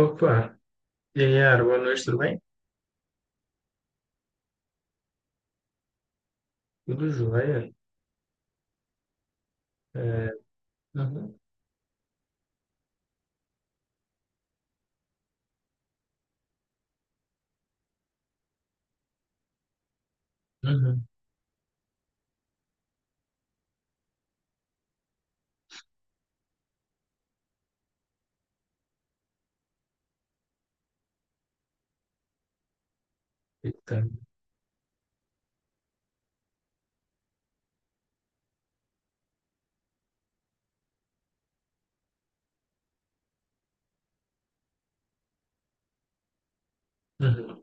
Opa, e aí, Yara, boa noite, tudo bem? Tudo jóia? É, uhum, uhum, eita, uhum.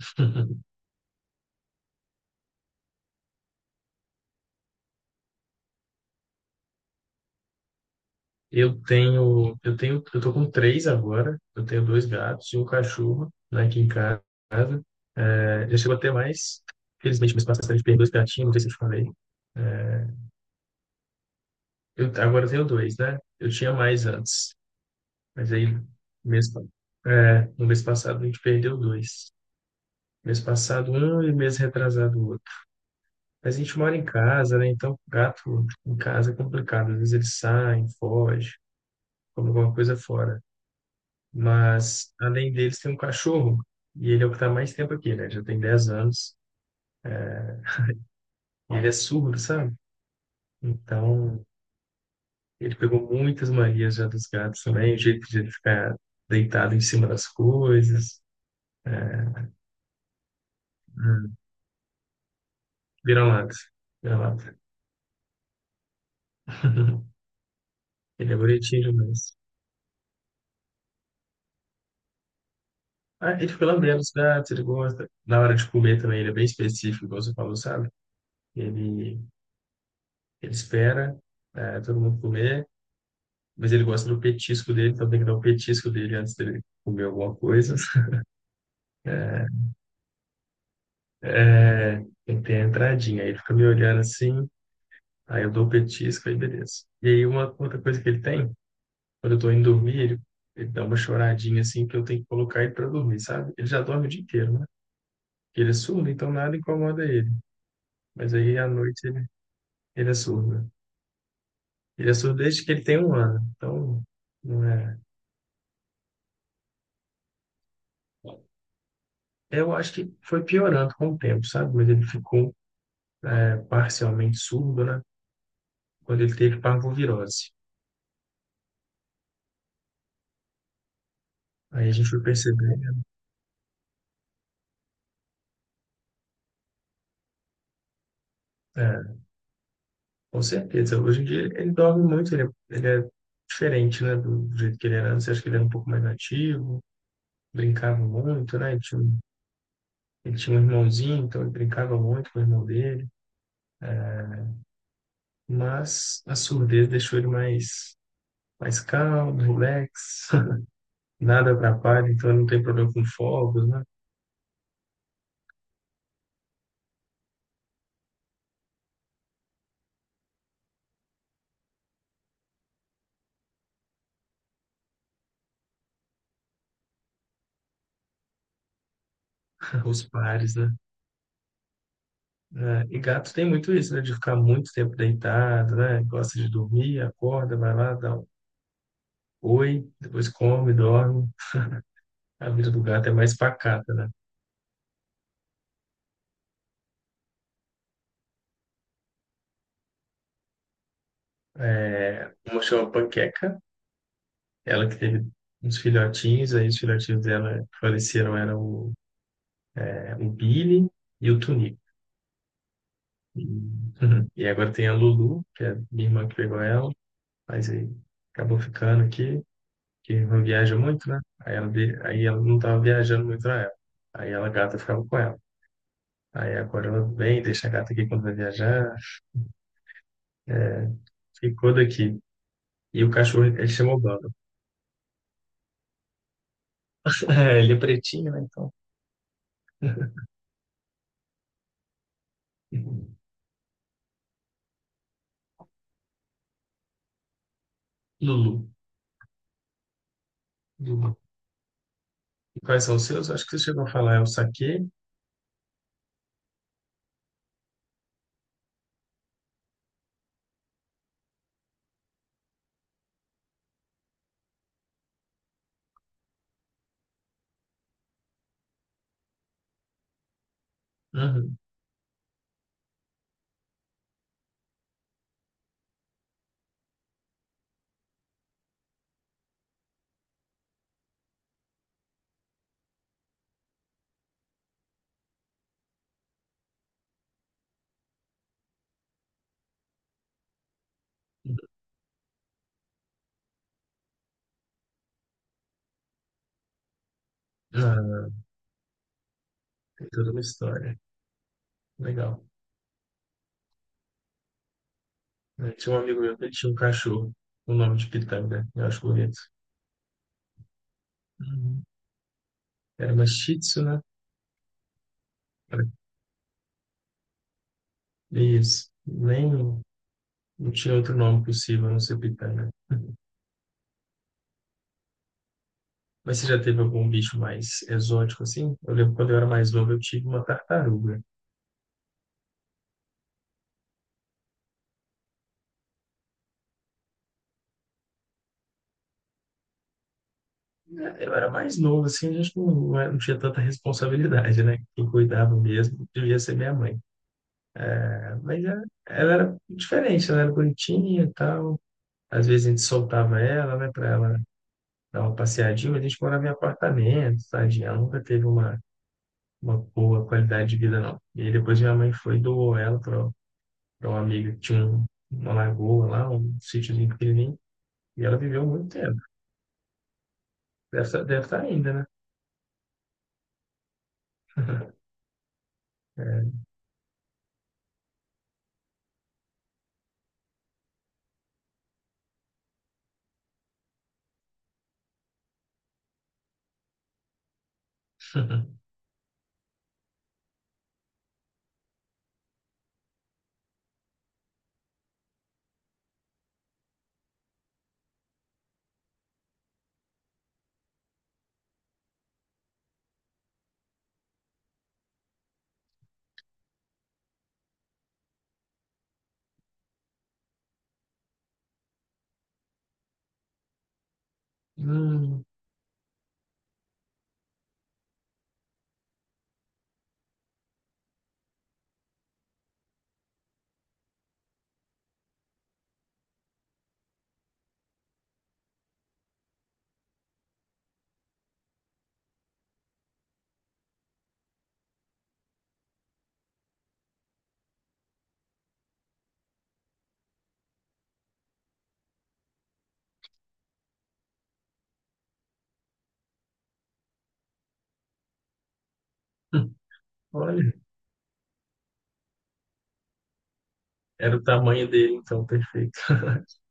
Eu tô com três agora, eu tenho dois gatos e um cachorro, né, aqui em casa. É, já chegou a ter mais, felizmente, mês passado a gente perdeu dois gatinhos, não sei se eu te falei. Agora eu tenho dois, né? Eu tinha mais antes, mas aí, mês, pa- no mês passado a gente perdeu dois. Mês passado um e mês retrasado outro. Mas a gente mora em casa, né? Então, gato em casa é complicado. Às vezes eles saem, fogem, comem alguma coisa fora. Mas, além deles, tem um cachorro. E ele é o que está mais tempo aqui, né? Já tem 10 anos. E ele é surdo, sabe? Então, ele pegou muitas manias já dos gatos também. O jeito de ele ficar deitado em cima das coisas. Hum. Vira-lata. Vira-lata. Ele é bonitinho demais. Ah, ele fica lambendo os gatos, ele gosta. Na hora de comer também, ele é bem específico, igual você falou, sabe? Ele, ele espera todo mundo comer, mas ele gosta do petisco dele, então tem que dar o petisco dele antes dele comer alguma coisa. É, é, tem que ter a entradinha. Aí ele fica me olhando assim, aí eu dou o petisco, aí beleza. E aí uma outra coisa que ele tem, quando eu tô indo dormir, ele dá uma choradinha assim, que eu tenho que colocar ele pra dormir, sabe? Ele já dorme o dia inteiro, né? Porque ele é surdo, então nada incomoda ele. Mas aí à noite ele é surdo, né? Ele é surdo desde que ele tem 1 ano, então não é. Eu acho que foi piorando com o tempo, sabe? Mas ele ficou parcialmente surdo, né? Quando ele teve parvovirose. Aí a gente foi perceber, é, com certeza. Hoje em dia ele dorme muito, ele é diferente, né? Do jeito que ele era antes. Eu acho que ele era um pouco mais ativo, brincava muito, né? Ele tinha um irmãozinho, então ele brincava muito com o irmão dele. Mas a surdez deixou ele mais calmo, relax, nada atrapalha, então ele não tem problema com fogos, né? Os pares, né? Né? E gatos tem muito isso, né? De ficar muito tempo deitado, né? Gosta de dormir, acorda, vai lá, dá um oi, depois come, dorme. A vida do gato é mais pacata, né? É, uma chama Panqueca, ela que teve uns filhotinhos, aí os filhotinhos dela que faleceram, eram o Billy e o Tunico. E, e agora tem a Lulu, que é minha irmã que pegou ela, mas aí acabou ficando aqui, que minha irmã viaja muito, né? Aí ela não estava viajando muito na época. Aí ela a gata ficava com ela. Aí agora ela vem, deixa a gata aqui quando vai viajar, ficou daqui. E o cachorro, ele chamou Bamba. É, ele é pretinho, né? Então, Lulu. Lulu. E quais são os seus? Acho que você chegou a falar, é o saquê. Uhum. Ah, tem toda uma história. Legal. Eu tinha um amigo meu que ele tinha um cachorro, com o nome de Pitanga, eu acho bonito. Uhum. Era uma Shih Tzu, né? Isso. Nem, Não tinha outro nome possível a não ser Pitanga. Mas você já teve algum bicho mais exótico assim? Eu lembro quando eu era mais novo, eu tive uma tartaruga. Eu era mais novo, assim, a gente não tinha tanta responsabilidade, né? Quem cuidava mesmo devia ser minha mãe, cara. Mas ela era diferente, ela era bonitinha e tal. Às vezes a gente soltava ela, né, pra ela dar uma passeadinha, mas a gente morava em apartamento, tadinha. Ela nunca teve uma boa qualidade de vida, não. E aí depois minha mãe foi e doou ela pra uma amiga que tinha uma lagoa lá, um sítiozinho pequenininho. E ela viveu muito tempo. Deve estar ainda, né? É. Hum. Olha, era o tamanho dele, então, perfeito.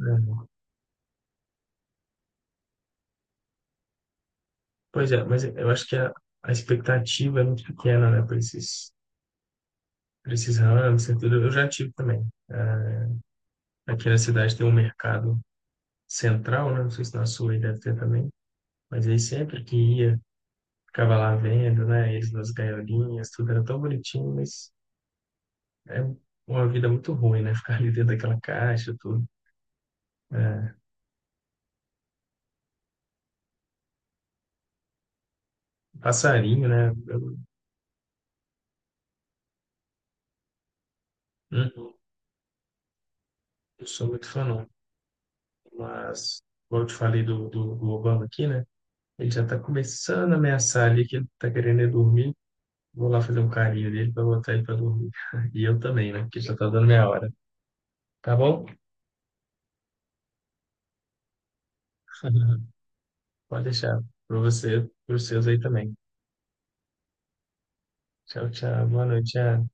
É. Pois é, mas eu acho que a expectativa é muito pequena, né, para esses ramos, e tudo. Eu já tive também. Ah, aqui na cidade tem um mercado central, né? Não sei se na sua aí deve ter também. Mas aí sempre que ia, ficava lá vendo, né? Eles nas gaiolinhas, tudo era tão bonitinho, mas é uma vida muito ruim, né? Ficar ali dentro daquela caixa, tudo. É, passarinho, né? Eu não não sou muito fã, não. Mas, como eu te falei do Obama aqui, né? Ele já tá começando a ameaçar ali que ele tá querendo é dormir. Vou lá fazer um carinho nele para botar ele para dormir. E eu também, né? Porque já tá dando minha hora. Tá bom? Pode deixar. Para você, para os seus aí também. Tchau, tchau. Boa noite, tchau.